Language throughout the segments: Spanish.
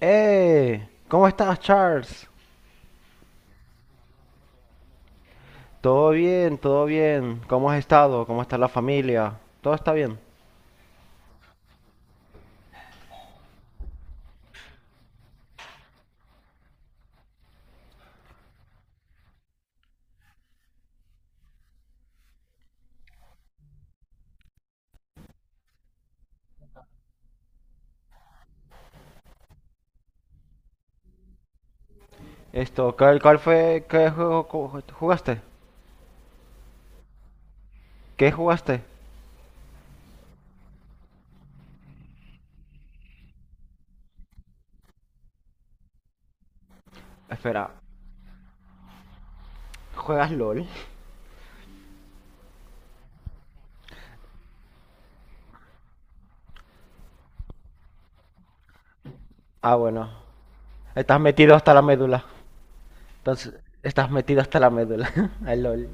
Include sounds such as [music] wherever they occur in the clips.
¡Eh! ¿Cómo estás, Charles? Todo bien, todo bien. ¿Cómo has estado? ¿Cómo está la familia? Todo está bien. Esto, ¿cuál fue? ¿Qué juego jugaste? ¿Qué jugaste? Espera, ¿juegas LOL? Ah, bueno. Estás metido hasta la médula. Entonces, estás metido hasta la médula. [laughs] Al LOL.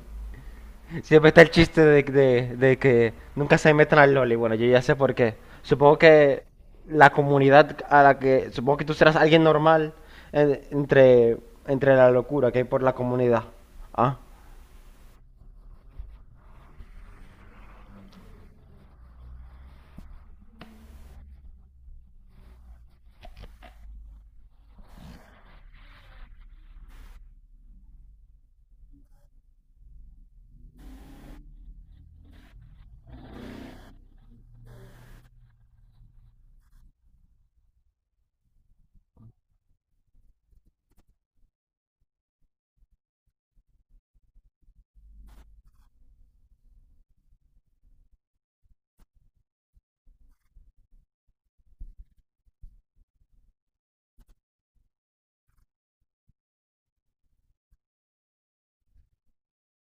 Siempre está el chiste de que nunca se metan al LOL y bueno, yo ya sé por qué. Supongo que la comunidad a la que. Supongo que tú serás alguien normal entre, entre la locura que hay por la comunidad. Ah,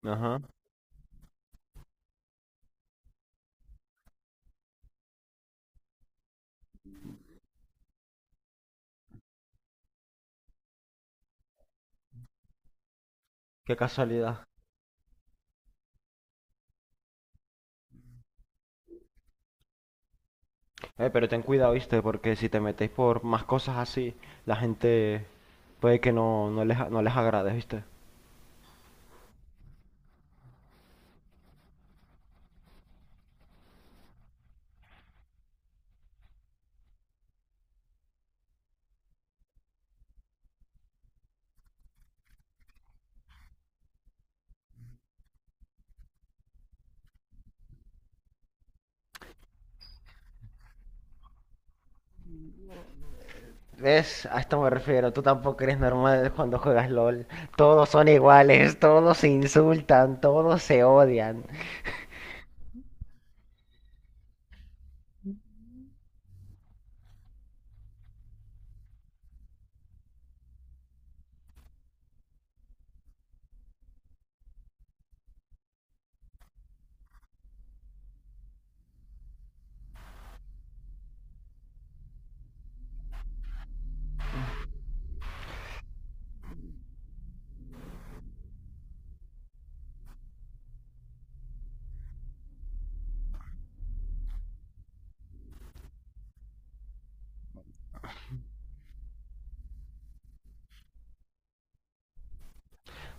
ajá. Qué casualidad. Pero ten cuidado, ¿viste? Porque si te metéis por más cosas así, la gente puede que no, no les agrade, ¿viste? ¿Ves? A esto me refiero. Tú tampoco eres normal cuando juegas LOL. Todos son iguales, todos se insultan, todos se odian.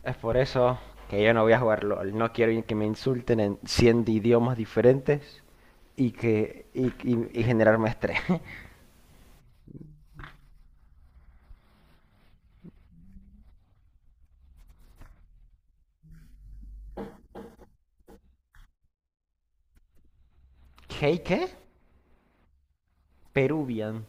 Es por eso que yo no voy a jugar LOL. No quiero que me insulten en 100 idiomas diferentes y generarme estrés. [laughs] ¿Qué? ¿Qué? Peruvian.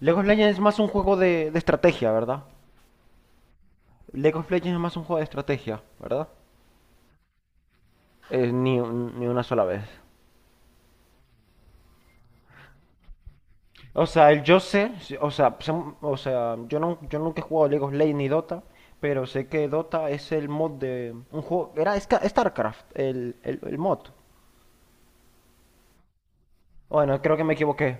League of Legends es más un juego de estrategia, ¿verdad? League of Legends es más un juego de estrategia, ¿verdad? Ni una sola vez. O sea, el yo sé, sí, o sea, o sea, yo no, yo nunca he jugado League of Legends ni Dota, pero sé que Dota es el mod de un juego, era StarCraft, el mod. Bueno, creo que me equivoqué.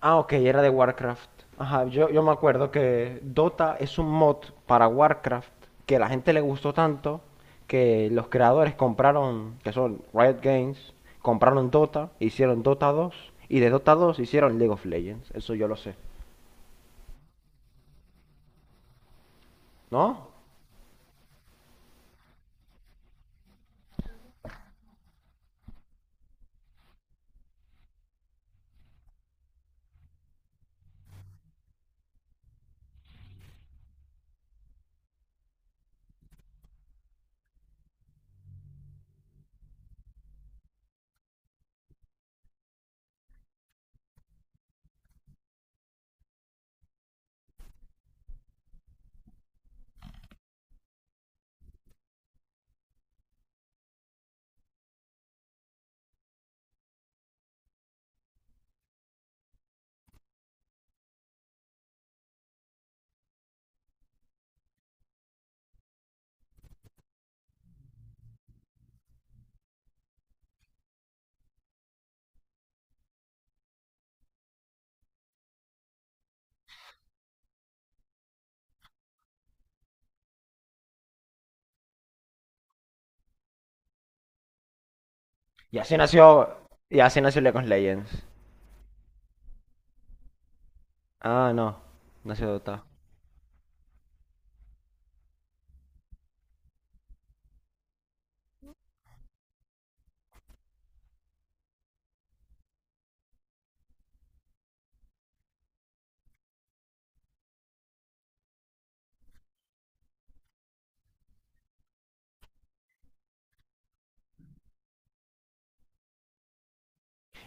Ah, ok, era de Warcraft. Ajá, yo me acuerdo que Dota es un mod para Warcraft que a la gente le gustó tanto que los creadores compraron, que son Riot Games, compraron Dota, hicieron Dota 2 y de Dota 2 hicieron League of Legends. Eso yo lo sé. ¿No? Y así nació. Y así nació League of Legends. Ah, no. Nació Dota.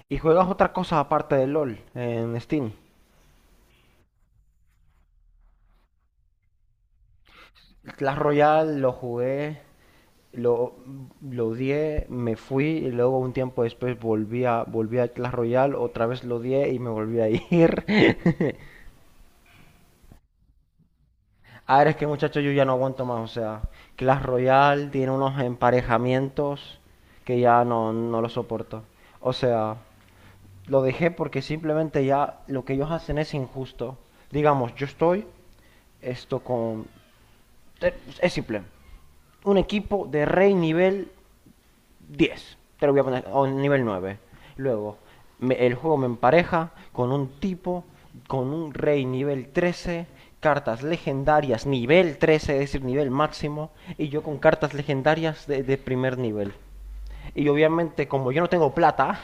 ¿Y juegas otra cosa aparte de LOL en Steam? Clash Royale lo jugué, lo, lo odié, me fui y luego un tiempo después volví a Clash Royale, otra vez lo odié y me volví a ir. [laughs] A ver, es que muchachos yo ya no aguanto más, o sea, Clash Royale tiene unos emparejamientos que ya no lo soporto. O sea, lo dejé porque simplemente ya lo que ellos hacen es injusto. Digamos, yo estoy esto con. Es simple. Un equipo de rey nivel 10. Te lo voy a poner. O nivel nueve. Luego, el juego me empareja con un tipo, con un rey nivel 13. Cartas legendarias nivel 13, es decir, nivel máximo. Y yo con cartas legendarias de primer nivel. Y obviamente, como yo no tengo plata,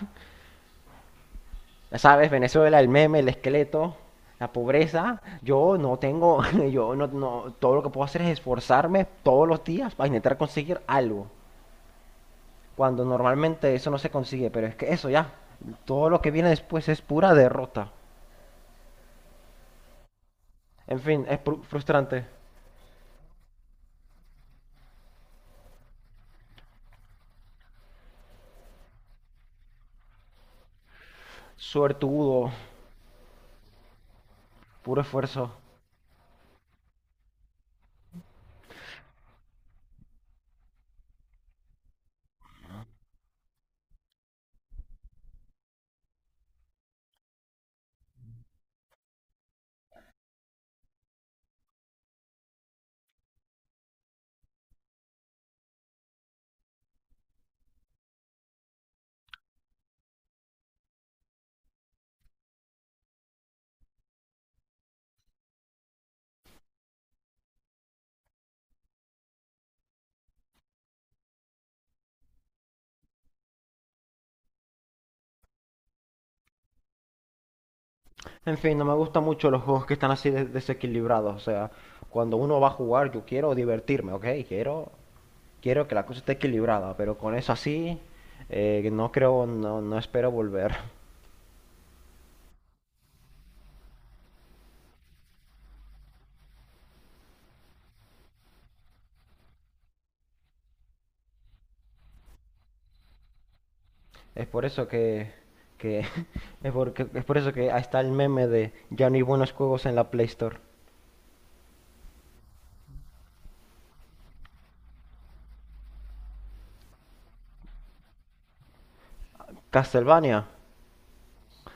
ya sabes, Venezuela, el meme, el esqueleto, la pobreza. Yo no tengo, [laughs] yo no, no, todo lo que puedo hacer es esforzarme todos los días para intentar conseguir algo. Cuando normalmente eso no se consigue, pero es que eso ya, todo lo que viene después es pura derrota. En fin, es frustrante, suertudo, puro esfuerzo. En fin, no me gustan mucho los juegos que están así desequilibrados. O sea, cuando uno va a jugar, yo quiero divertirme, ¿ok? Quiero que la cosa esté equilibrada, pero con eso así, no creo, no espero volver. [laughs] Es por eso que [laughs] es, porque, es por eso que ahí está el meme de ya no hay buenos juegos en la Play Store. Castlevania.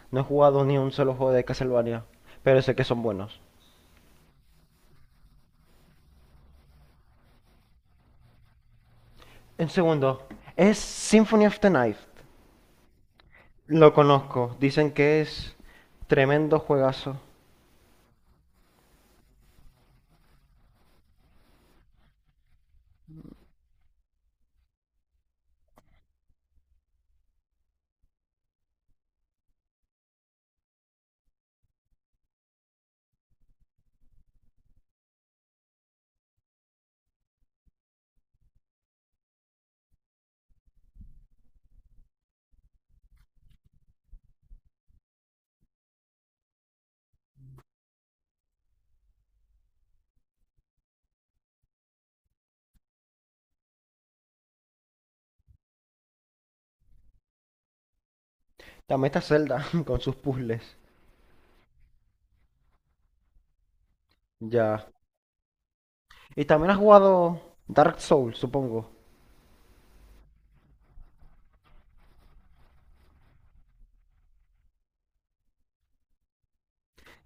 No he jugado ni un solo juego de Castlevania, pero sé que son buenos. En segundo, es Symphony of the Night. Lo conozco, dicen que es tremendo juegazo. También está Zelda [laughs] con sus puzzles. Ya. Y también has jugado Dark Souls, supongo.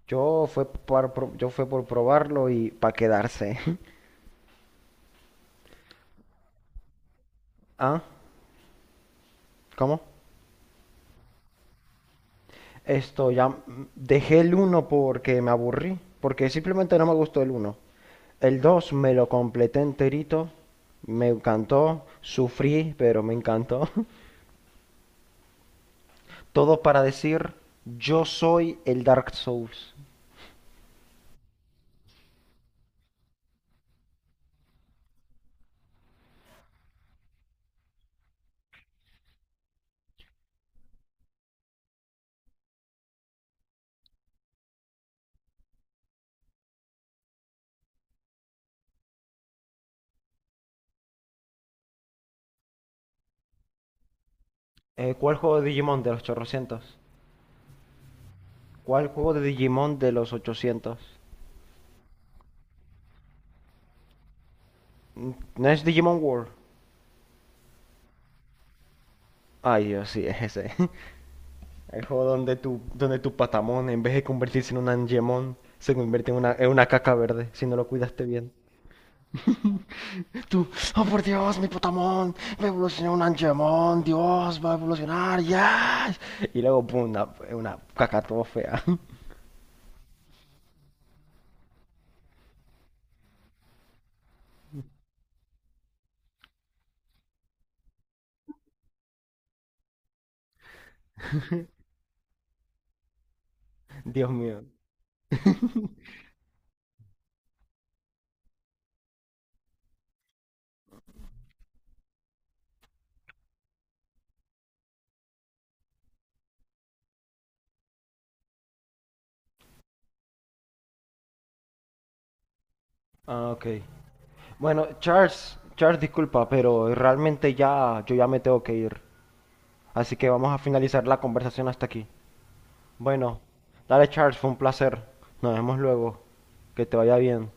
Yo fue por probarlo y para quedarse. [laughs] ¿Ah? ¿Cómo? Esto ya dejé el uno porque me aburrí, porque simplemente no me gustó el uno. El 2 me lo completé enterito, me encantó, sufrí, pero me encantó. [laughs] Todo para decir, yo soy el Dark Souls. ¿Cuál juego de Digimon de los 800? ¿Cuál juego de Digimon de los 800? Mm, ¿No es Digimon World? Ay, Dios, sí, [laughs] es ese. El juego donde tu patamón, en vez de convertirse en un angemón, se convierte en una caca verde, si no lo cuidaste bien. Tú, oh por Dios, mi patamón, va a evolucionar un angemón, Dios, va a evolucionar, ya. Y luego, pum, una caca todo fea. [laughs] Dios mío. Ah, ok. Bueno, Charles, Charles, disculpa, pero realmente ya, yo ya me tengo que ir. Así que vamos a finalizar la conversación hasta aquí. Bueno, dale Charles, fue un placer. Nos vemos luego. Que te vaya bien.